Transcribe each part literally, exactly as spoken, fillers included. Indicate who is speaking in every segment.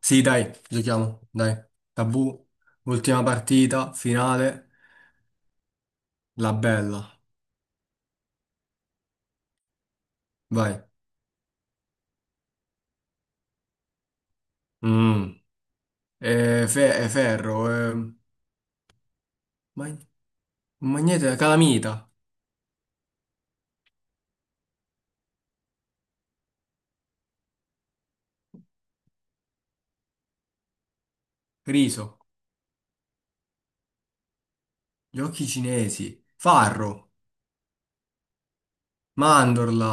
Speaker 1: Sì, dai, giochiamo, dai. Tabù, ultima partita, finale, la bella. Vai. Mm. Eh, fe- eh, ferro, eh, ma- magnete, calamita, riso, giochi cinesi, farro, mandorla.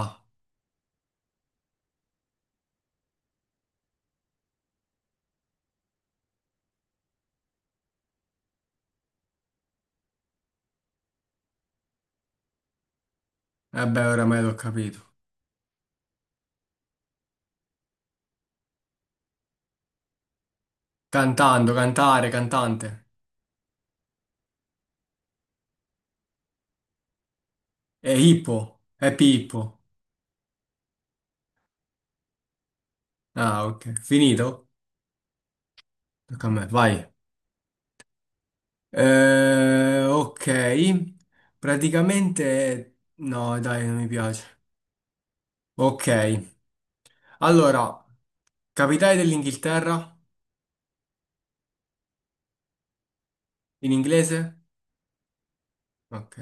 Speaker 1: Eh beh, oramai l'ho capito. Cantando, cantare, cantante. E hippo, e pippo. Ah, ok. Finito? Tocca a me, vai. Eh, ok, praticamente no, dai, non mi piace. Ok, allora, capitale dell'Inghilterra in inglese? Ok.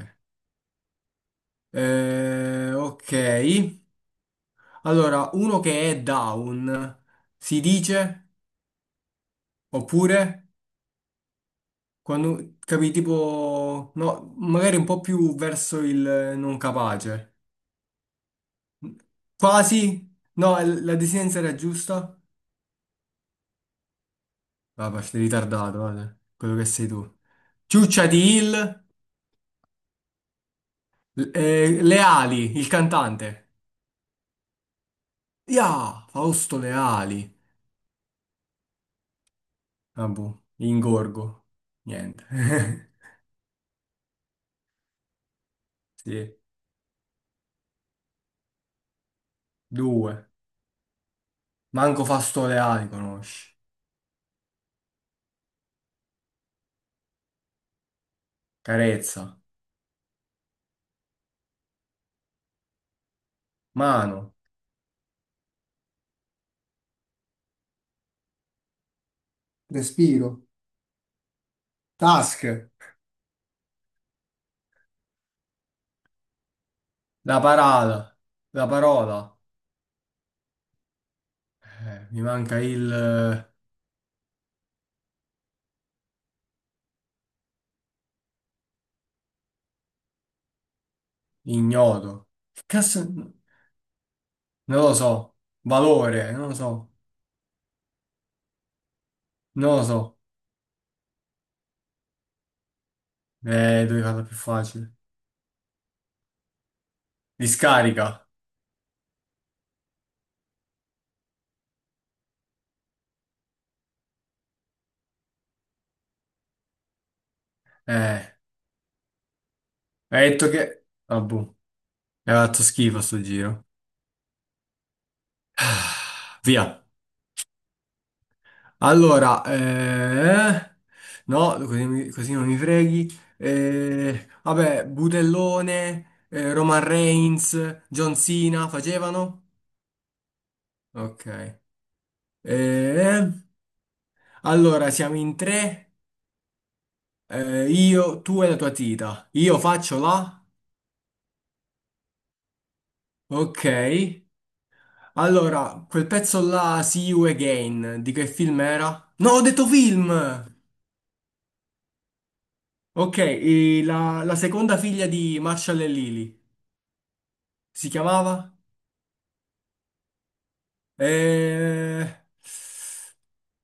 Speaker 1: Eh, ok, allora, uno che è down si dice, oppure quando capi tipo, no, magari un po' più verso il non capace. Quasi? No, la desinenza era giusta? Vabbè, sei ritardato, guarda, quello che sei tu. Ciuccia di Hill, l- eh, Leali, il cantante. Ya, Fausto Leali. Ah, boh, ingorgo. Niente. Sì, due. Manco Fausto Leali conosci. Carezza. Mano. Respiro. Task. La parata. La parola. Eh, mi manca il eh, ignoto. Che cazzo? Non lo so. Valore, non lo so. Non lo so. Eh, devi farla più facile. Discarica. Eh, Hai detto che... Ah, boh. Hai fatto schifo sto giro. Ah, via. Allora, eh... No, così, mi- così non mi freghi. Eh, vabbè, Butellone, eh, Roman Reigns, John Cena facevano? Ok. Eh, allora, siamo in tre. Eh, io, tu e la tua tita. Io faccio la... Ok. Allora, quel pezzo là, See You Again, di che film era? No, ho detto film! Ok, e la, la seconda figlia di Marshall e Lily, si chiamava? Eh...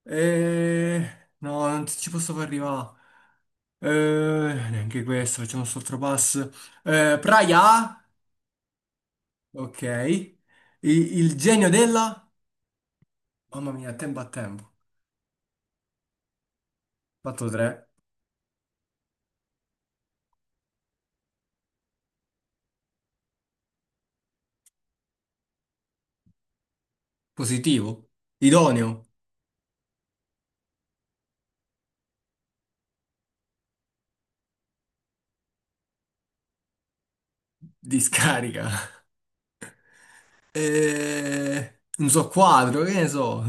Speaker 1: Eh... No, non ci posso far arrivare. Eh, Neanche questo, facciamo un altro passo. Eh, Praia, ok. I- il genio della... Mamma mia, tempo a tempo. Fatto tre. Positivo. Idoneo. Discarica. Eh, non so quadro, che ne so.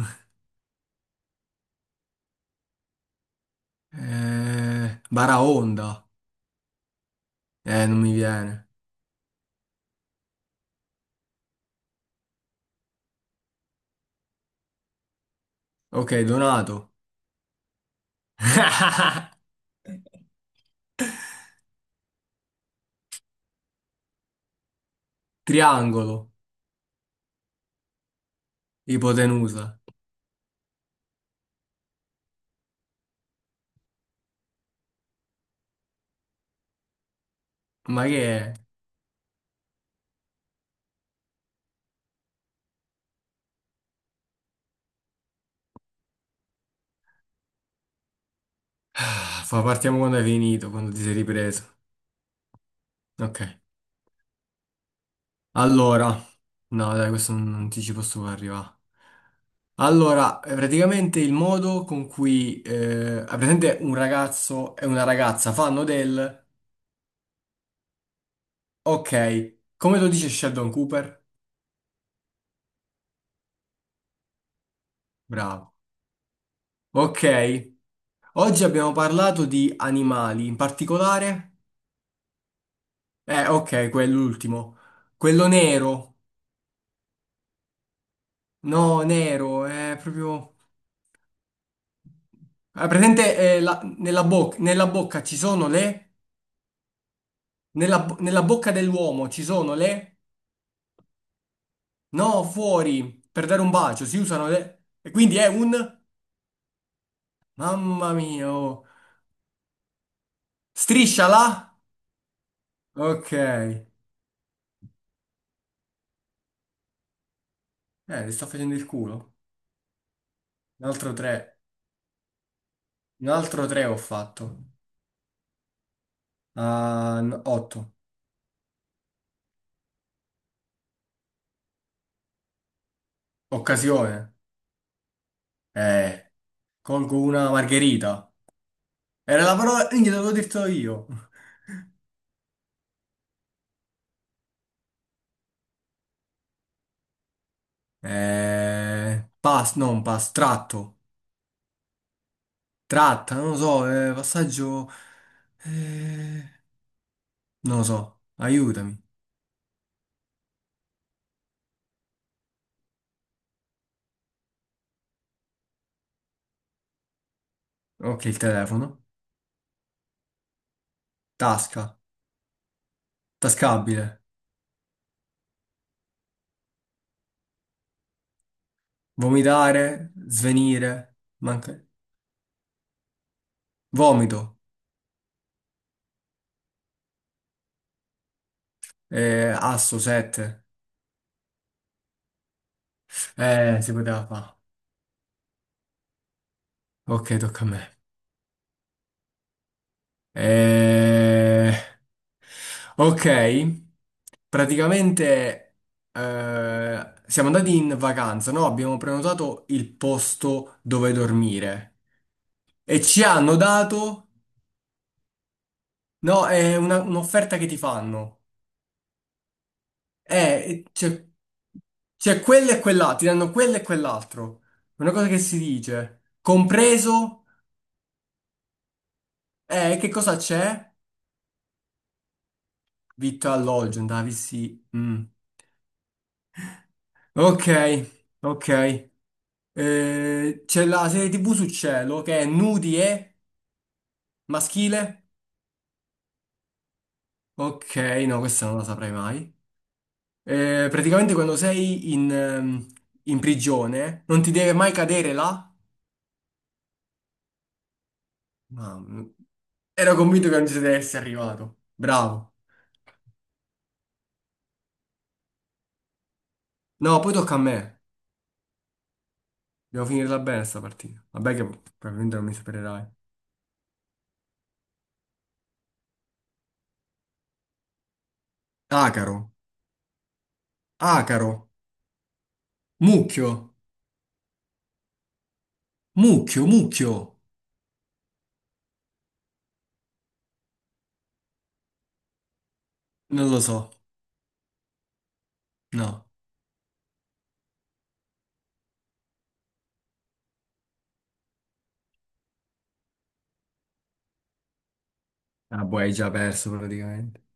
Speaker 1: Eh, Baraonda. Eh, non mi viene. Ok, Donato. Triangolo. Ipotenusa. Ma che è? Ah, fa- partiamo quando hai finito, quando ti sei ripreso. Ok. Allora. No, dai, questo non, non ti ci posso far arrivare. Allora, eh, praticamente il modo con cui... Eh, ah, praticamente un ragazzo e una ragazza fanno del... Ok, come lo dice Sheldon Cooper? Bravo. Ok, oggi abbiamo parlato di animali, in particolare... Eh, ok, quell'ultimo. Quello nero. No, nero, è proprio... È presente eh, la- nella boc- nella bocca ci sono le... Nella, bo- nella bocca dell'uomo ci sono le... No, fuori, per dare un bacio, si usano le... E quindi è un... Mamma mia, oh. Strisciala. Ok. Eh, le sto facendo il culo. Un altro tre. Un altro tre ho fatto. Ah, n- otto. Occasione. Eh, Colgo una margherita. Era la parola... Minchia, te l'avevo detto io. Eh, pass, non pass, tratto. Tratta, non lo so, eh, passaggio... eh, non lo so, aiutami. Ok, il telefono. Tasca. Tascabile. Vomitare, svenire. Manca... Vomito. Eh, asso, sette. Eh, si poteva fare. Ok, tocca a me. Eh... Ok, praticamente, eh, siamo andati in vacanza, no? Abbiamo prenotato il posto dove dormire e ci hanno dato, no, è una- un'offerta che ti fanno. Eh, c'è c'è quello e quell'altro, ti danno quello e quell'altro. Una cosa che si dice, compreso, eh, che cosa c'è? Vitto e alloggio, andavi sì. Mm. Ok, ok. Eh, c'è la serie T V su Cielo che è nudi e maschile. Ok, no, questa non la saprei mai. Eh, praticamente quando sei in, ehm, in prigione non ti deve mai cadere là. Mamma mia. Ero convinto che non ci si deve essere arrivato. Bravo. No, poi tocca a me. Devo finirla bene sta partita. Vabbè che probabilmente non mi supererai. Acaro, acaro, mucchio, mucchio, mucchio. Non lo so. No. Ah, boh, hai già perso praticamente.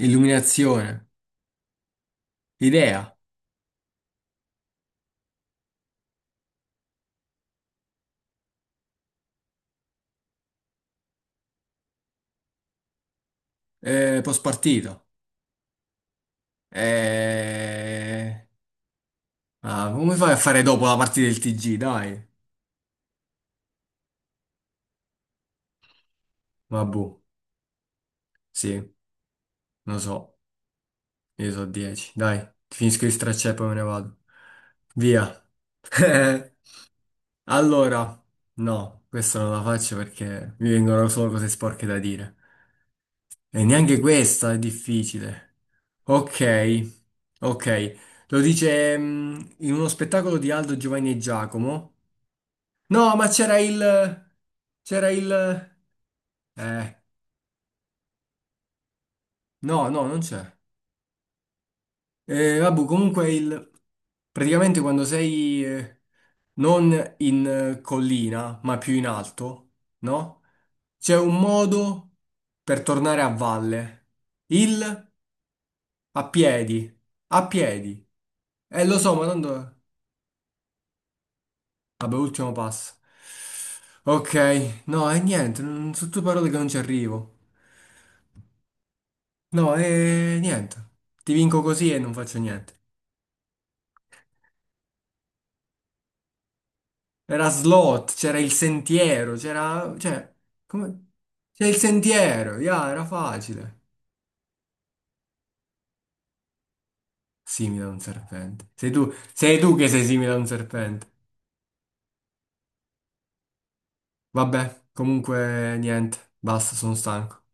Speaker 1: Illuminazione, idea, eh, post partita. Eh, ah, Come fai a fare dopo la partita del ti gi? Dai, ma boh, sì, lo so, io so dieci. Dai, finisco di stracciare e poi me ne vado. Via. Allora, no, questa non la faccio perché mi vengono solo cose sporche da dire. E neanche questa è difficile. Ok, ok. Lo dice, mm, in uno spettacolo di Aldo, Giovanni e Giacomo. No, ma c'era il... C'era il... Eh, no, no, non c'è. Eh, vabbè, comunque il... Praticamente quando sei eh, non in eh, collina, ma più in alto, no? C'è un modo per tornare a valle. Il... A piedi. A piedi. Eh, lo so, ma tanto... Vabbè, ultimo passo. Ok, no, e niente, non- sono tutte parole che non ci arrivo. No, e niente. Ti vinco così e non faccio niente. Era slot, c'era il sentiero, c'era... Cioè, come... C'è il sentiero, ya, era facile. Simile a un serpente. Sei tu, sei tu che sei simile a un serpente. Vabbè, comunque niente, basta, sono stanco.